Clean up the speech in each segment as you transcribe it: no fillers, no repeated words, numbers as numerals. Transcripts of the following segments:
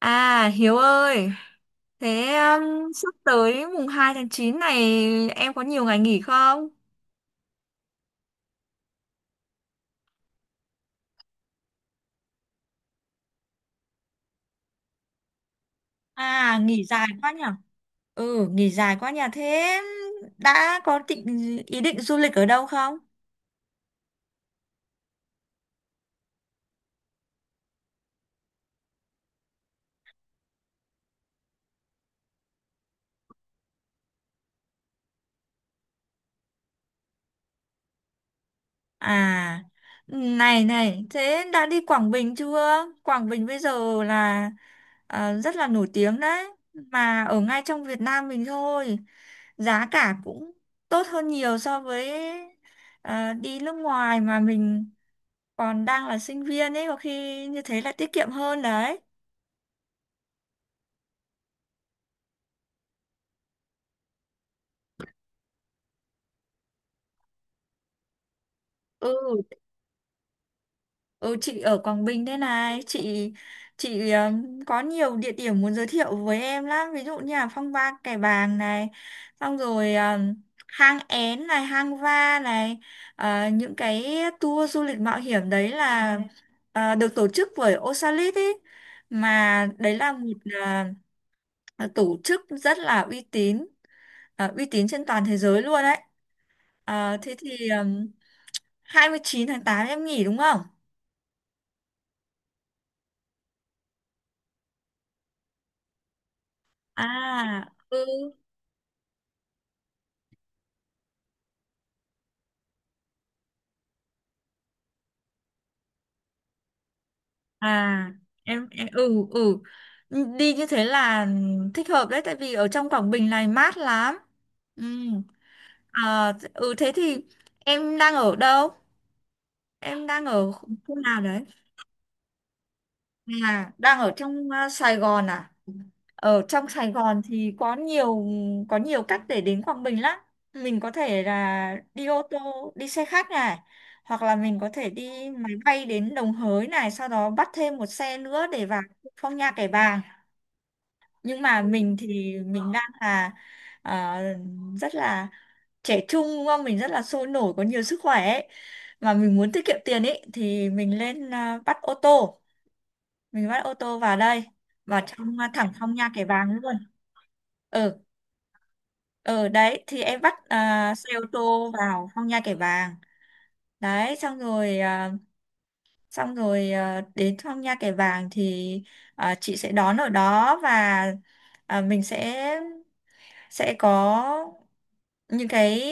À Hiếu ơi, thế sắp tới mùng 2 tháng 9 này em có nhiều ngày nghỉ không? À, nghỉ dài quá nhỉ? Ừ, nghỉ dài quá nhỉ. Thế đã có ý định du lịch ở đâu không? À, này này, thế đã đi Quảng Bình chưa? Quảng Bình bây giờ là rất là nổi tiếng đấy, mà ở ngay trong Việt Nam mình thôi. Giá cả cũng tốt hơn nhiều so với đi nước ngoài mà mình còn đang là sinh viên ấy, có khi như thế là tiết kiệm hơn đấy. Ừ. Ừ, chị ở Quảng Bình thế này, chị, có nhiều địa điểm muốn giới thiệu với em lắm, ví dụ như là Phong Ba Kẻ Bàng này, xong rồi Hang Én này, Hang Va này. Những cái tour du lịch mạo hiểm đấy là được tổ chức bởi Osalit ý, mà đấy là một ờ, tổ chức rất là uy tín, trên toàn thế giới luôn đấy. Thế thì 29 tháng 8 em nghỉ đúng không? À, ừ. À, em, ừ, ừ, đi như thế là thích hợp đấy, tại vì ở trong Quảng Bình này mát lắm. Ừ. À, ừ thế thì em đang ở đâu? Em đang ở khu khu nào đấy? À, đang ở trong Sài Gòn à? Ở trong Sài Gòn thì có nhiều cách để đến Quảng Bình lắm. Mình có thể là đi ô tô, đi xe khách này, hoặc là mình có thể đi máy bay đến Đồng Hới này, sau đó bắt thêm một xe nữa để vào Phong Nha Kẻ Bàng. Nhưng mà mình thì mình đang là ờ, rất là trẻ trung đúng không? Mình rất là sôi nổi, có nhiều sức khỏe ấy, mà mình muốn tiết kiệm tiền ấy thì mình lên bắt ô tô, mình bắt ô tô vào đây, vào trong thẳng trong nha kẻ Bàng luôn. Ừ, ừ đấy thì em bắt xe ô tô vào trong nha kẻ Bàng. Đấy xong rồi, đến thăm Nha Kẻ Bàng thì chị sẽ đón ở đó, và mình sẽ có những cái,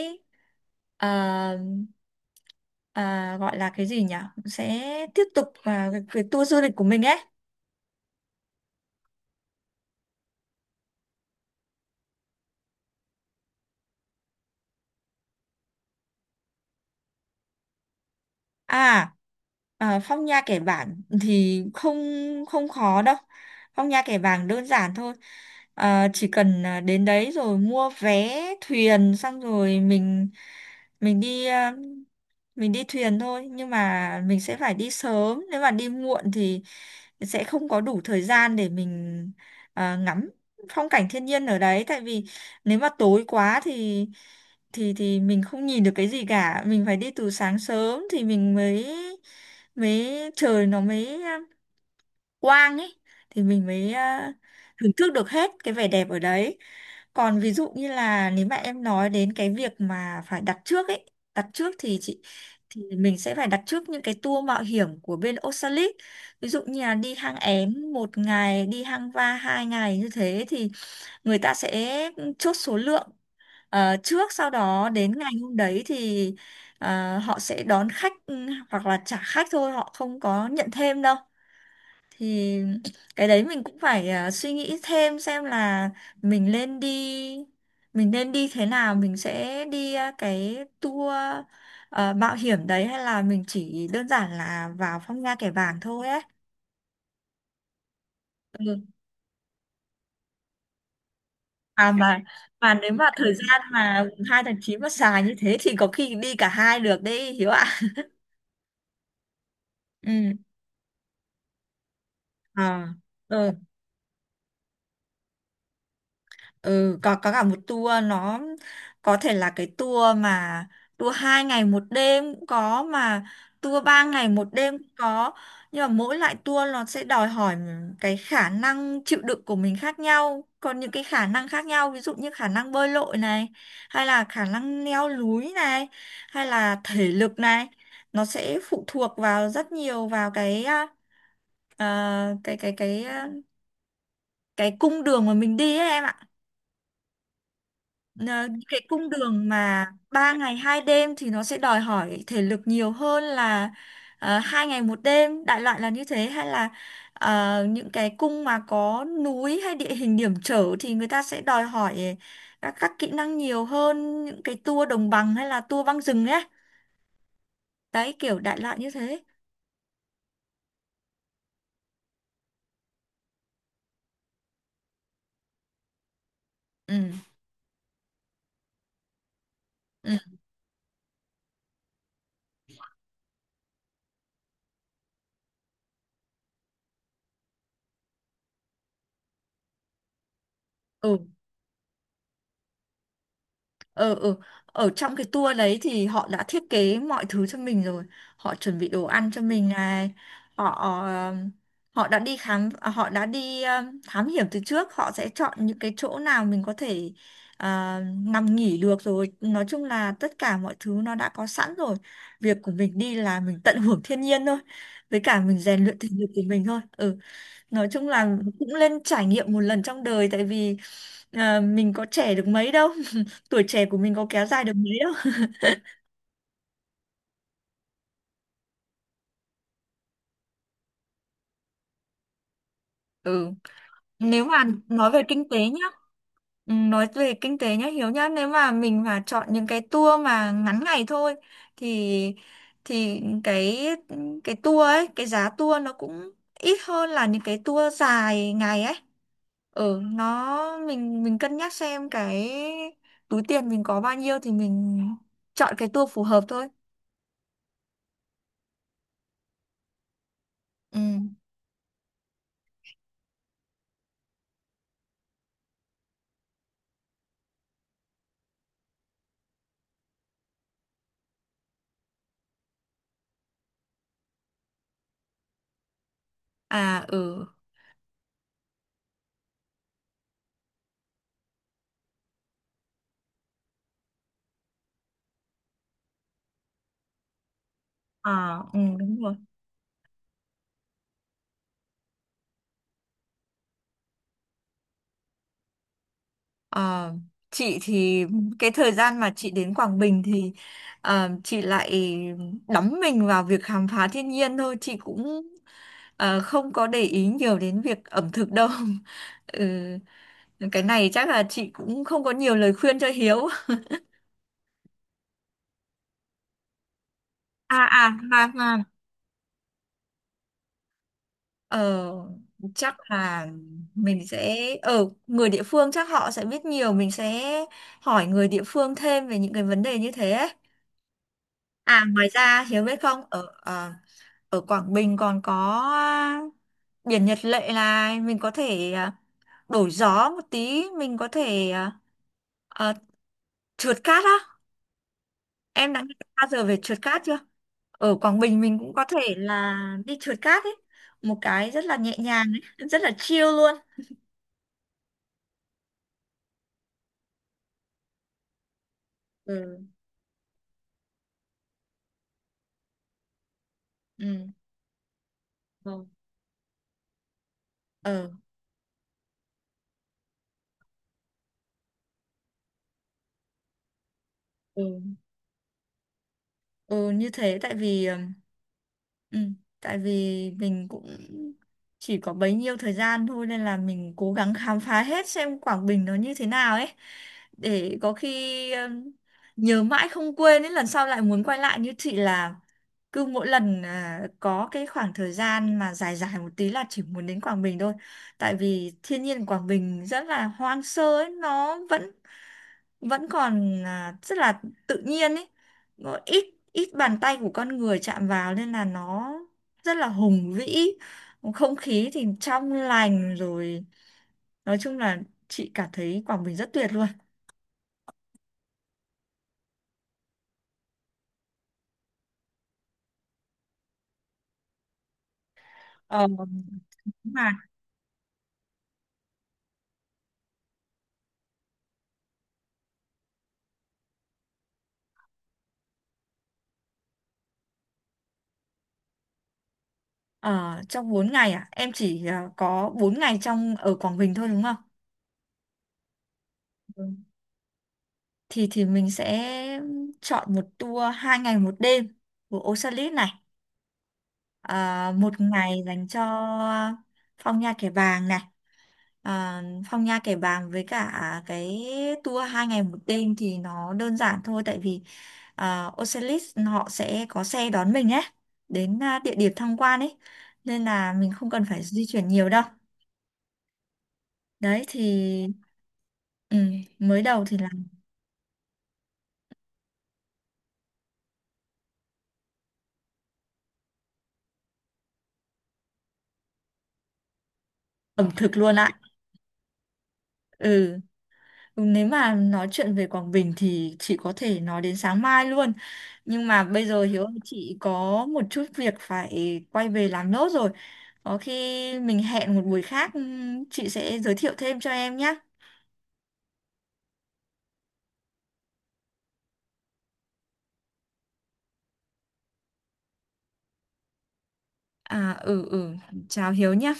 ờ, ờ, gọi là cái gì nhỉ, sẽ tiếp tục cái tour du lịch của mình ấy. À, à, phong nha kẻ bảng thì không không khó đâu. Phong nha kẻ bảng đơn giản thôi. À, chỉ cần đến đấy rồi mua vé thuyền, xong rồi mình đi mình đi thuyền thôi, nhưng mà mình sẽ phải đi sớm, nếu mà đi muộn thì sẽ không có đủ thời gian để mình ngắm phong cảnh thiên nhiên ở đấy. Tại vì nếu mà tối quá thì mình không nhìn được cái gì cả. Mình phải đi từ sáng sớm thì mình mới mới trời nó mới quang ấy, thì mình mới thưởng thức được hết cái vẻ đẹp ở đấy. Còn ví dụ như là nếu mà em nói đến cái việc mà phải đặt trước ấy, đặt trước thì chị, thì mình sẽ phải đặt trước những cái tour mạo hiểm của bên Oxalis. Ví dụ như là đi hang Én 1 ngày, đi hang Va 2 ngày, như thế thì người ta sẽ chốt số lượng trước, sau đó đến ngày hôm đấy thì họ sẽ đón khách, ừ, hoặc là trả khách thôi, họ không có nhận thêm đâu. Thì cái đấy mình cũng phải suy nghĩ thêm xem là mình nên đi, mình nên đi thế nào, mình sẽ đi cái tour mạo hiểm đấy, hay là mình chỉ đơn giản là vào phong nha kẻ bàng thôi ấy. Ừ. À, mà nếu mà thời gian mà 2 tháng 9 mà xài như thế thì có khi đi cả hai được đấy, Hiếu ạ. Ừ. À. Ừ, có cả một tour, nó có thể là cái tour mà tour 2 ngày 1 đêm cũng có, mà tour 3 ngày 1 đêm cũng có. Nhưng mà mỗi loại tour nó sẽ đòi hỏi cái khả năng chịu đựng của mình khác nhau, còn những cái khả năng khác nhau, ví dụ như khả năng bơi lội này, hay là khả năng leo núi này, hay là thể lực này, nó sẽ phụ thuộc vào rất nhiều vào cái à, à, cái à, cái cung đường mà mình đi ấy, em ạ. Ờ, cái cung đường mà 3 ngày 2 đêm thì nó sẽ đòi hỏi thể lực nhiều hơn là 2 ngày một đêm, đại loại là như thế. Hay là ờ, những cái cung mà có núi hay địa hình hiểm trở thì người ta sẽ đòi hỏi các kỹ năng nhiều hơn những cái tour đồng bằng hay là tour băng rừng ấy, đấy kiểu đại loại như thế. Ừ, ừ, ừ, ừ, ừ. Ở trong cái tour đấy thì họ đã thiết kế mọi thứ cho mình rồi, họ chuẩn bị đồ ăn cho mình này, họ ờ, họ đã đi khám à, họ đã đi ờ, thám hiểm từ trước, họ sẽ chọn những cái chỗ nào mình có thể ờ, nằm nghỉ được rồi. Nói chung là tất cả mọi thứ nó đã có sẵn rồi, việc của mình đi là mình tận hưởng thiên nhiên thôi, với cả mình rèn luyện thể lực của mình thôi, ừ. Nói chung là cũng nên trải nghiệm một lần trong đời, tại vì mình có trẻ được mấy đâu tuổi trẻ của mình có kéo dài được mấy đâu. Ừ. Nếu mà nói về kinh tế nhá, ừ, nói về kinh tế nhá Hiếu nhá, nếu mà mình mà chọn những cái tour mà ngắn ngày thôi thì thì cái tour ấy, cái giá tour nó cũng ít hơn là những cái tour dài ngày ấy. Ở nó, mình cân nhắc xem cái túi tiền mình có bao nhiêu thì mình chọn cái tour phù hợp thôi. Ừ. À, ừ. À, ừ đúng rồi. À, chị thì cái thời gian mà chị đến Quảng Bình thì chị lại đắm mình vào việc khám phá thiên nhiên thôi, chị cũng không có để ý nhiều đến việc ẩm thực đâu ừ. Cái này chắc là chị cũng không có nhiều lời khuyên cho Hiếu. À à mà mà Ờ, chắc là mình sẽ ở, người địa phương chắc họ sẽ biết nhiều, mình sẽ hỏi người địa phương thêm về những cái vấn đề như thế ấy. À, ngoài ra Hiếu biết không, ở Quảng Bình còn có biển Nhật Lệ, là mình có thể đổi gió một tí, mình có thể ờ, trượt cát á, em đã nghe bao giờ về trượt cát chưa? Ở Quảng Bình mình cũng có thể là đi trượt cát ấy, một cái rất là nhẹ nhàng ấy, rất là chill luôn. Ừ, ừ, ờ, ừ. Ừ, như thế tại vì ừ, tại vì mình cũng chỉ có bấy nhiêu thời gian thôi, nên là mình cố gắng khám phá hết xem Quảng Bình nó như thế nào ấy, để có khi nhớ mãi không quên ấy, lần sau lại muốn quay lại, như chị là cứ mỗi lần có cái khoảng thời gian mà dài dài một tí là chỉ muốn đến Quảng Bình thôi. Tại vì thiên nhiên Quảng Bình rất là hoang sơ ấy, nó vẫn vẫn còn rất là tự nhiên ấy, ờ, ít ít bàn tay của con người chạm vào, nên là nó rất là hùng vĩ, không khí thì trong lành rồi. Nói chung là chị cảm thấy Quảng Bình rất tuyệt luôn. Ờ, mà ờ, trong 4 ngày em chỉ có 4 ngày trong ở Quảng Bình thôi đúng không? Ừ. Thì mình sẽ chọn một tour 2 ngày 1 đêm của Osalit này, 1 ngày dành cho Phong Nha Kẻ Bàng này. À, Phong Nha Kẻ Bàng với cả cái tour 2 ngày 1 đêm thì nó đơn giản thôi, tại vì Ocelis họ sẽ có xe đón mình ấy đến địa điểm tham quan ấy, nên là mình không cần phải di chuyển nhiều đâu. Đấy thì, ừ, mới đầu thì là ẩm thực luôn ạ. Ừ. Ừ, nếu mà nói chuyện về Quảng Bình thì chị có thể nói đến sáng mai luôn. Nhưng mà bây giờ Hiếu ơi, chị có một chút việc phải quay về làm nốt rồi. Có khi mình hẹn một buổi khác, chị sẽ giới thiệu thêm cho em nhé. À, ừ, ừ, chào Hiếu nhé.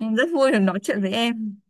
Em rất vui được nói chuyện với em.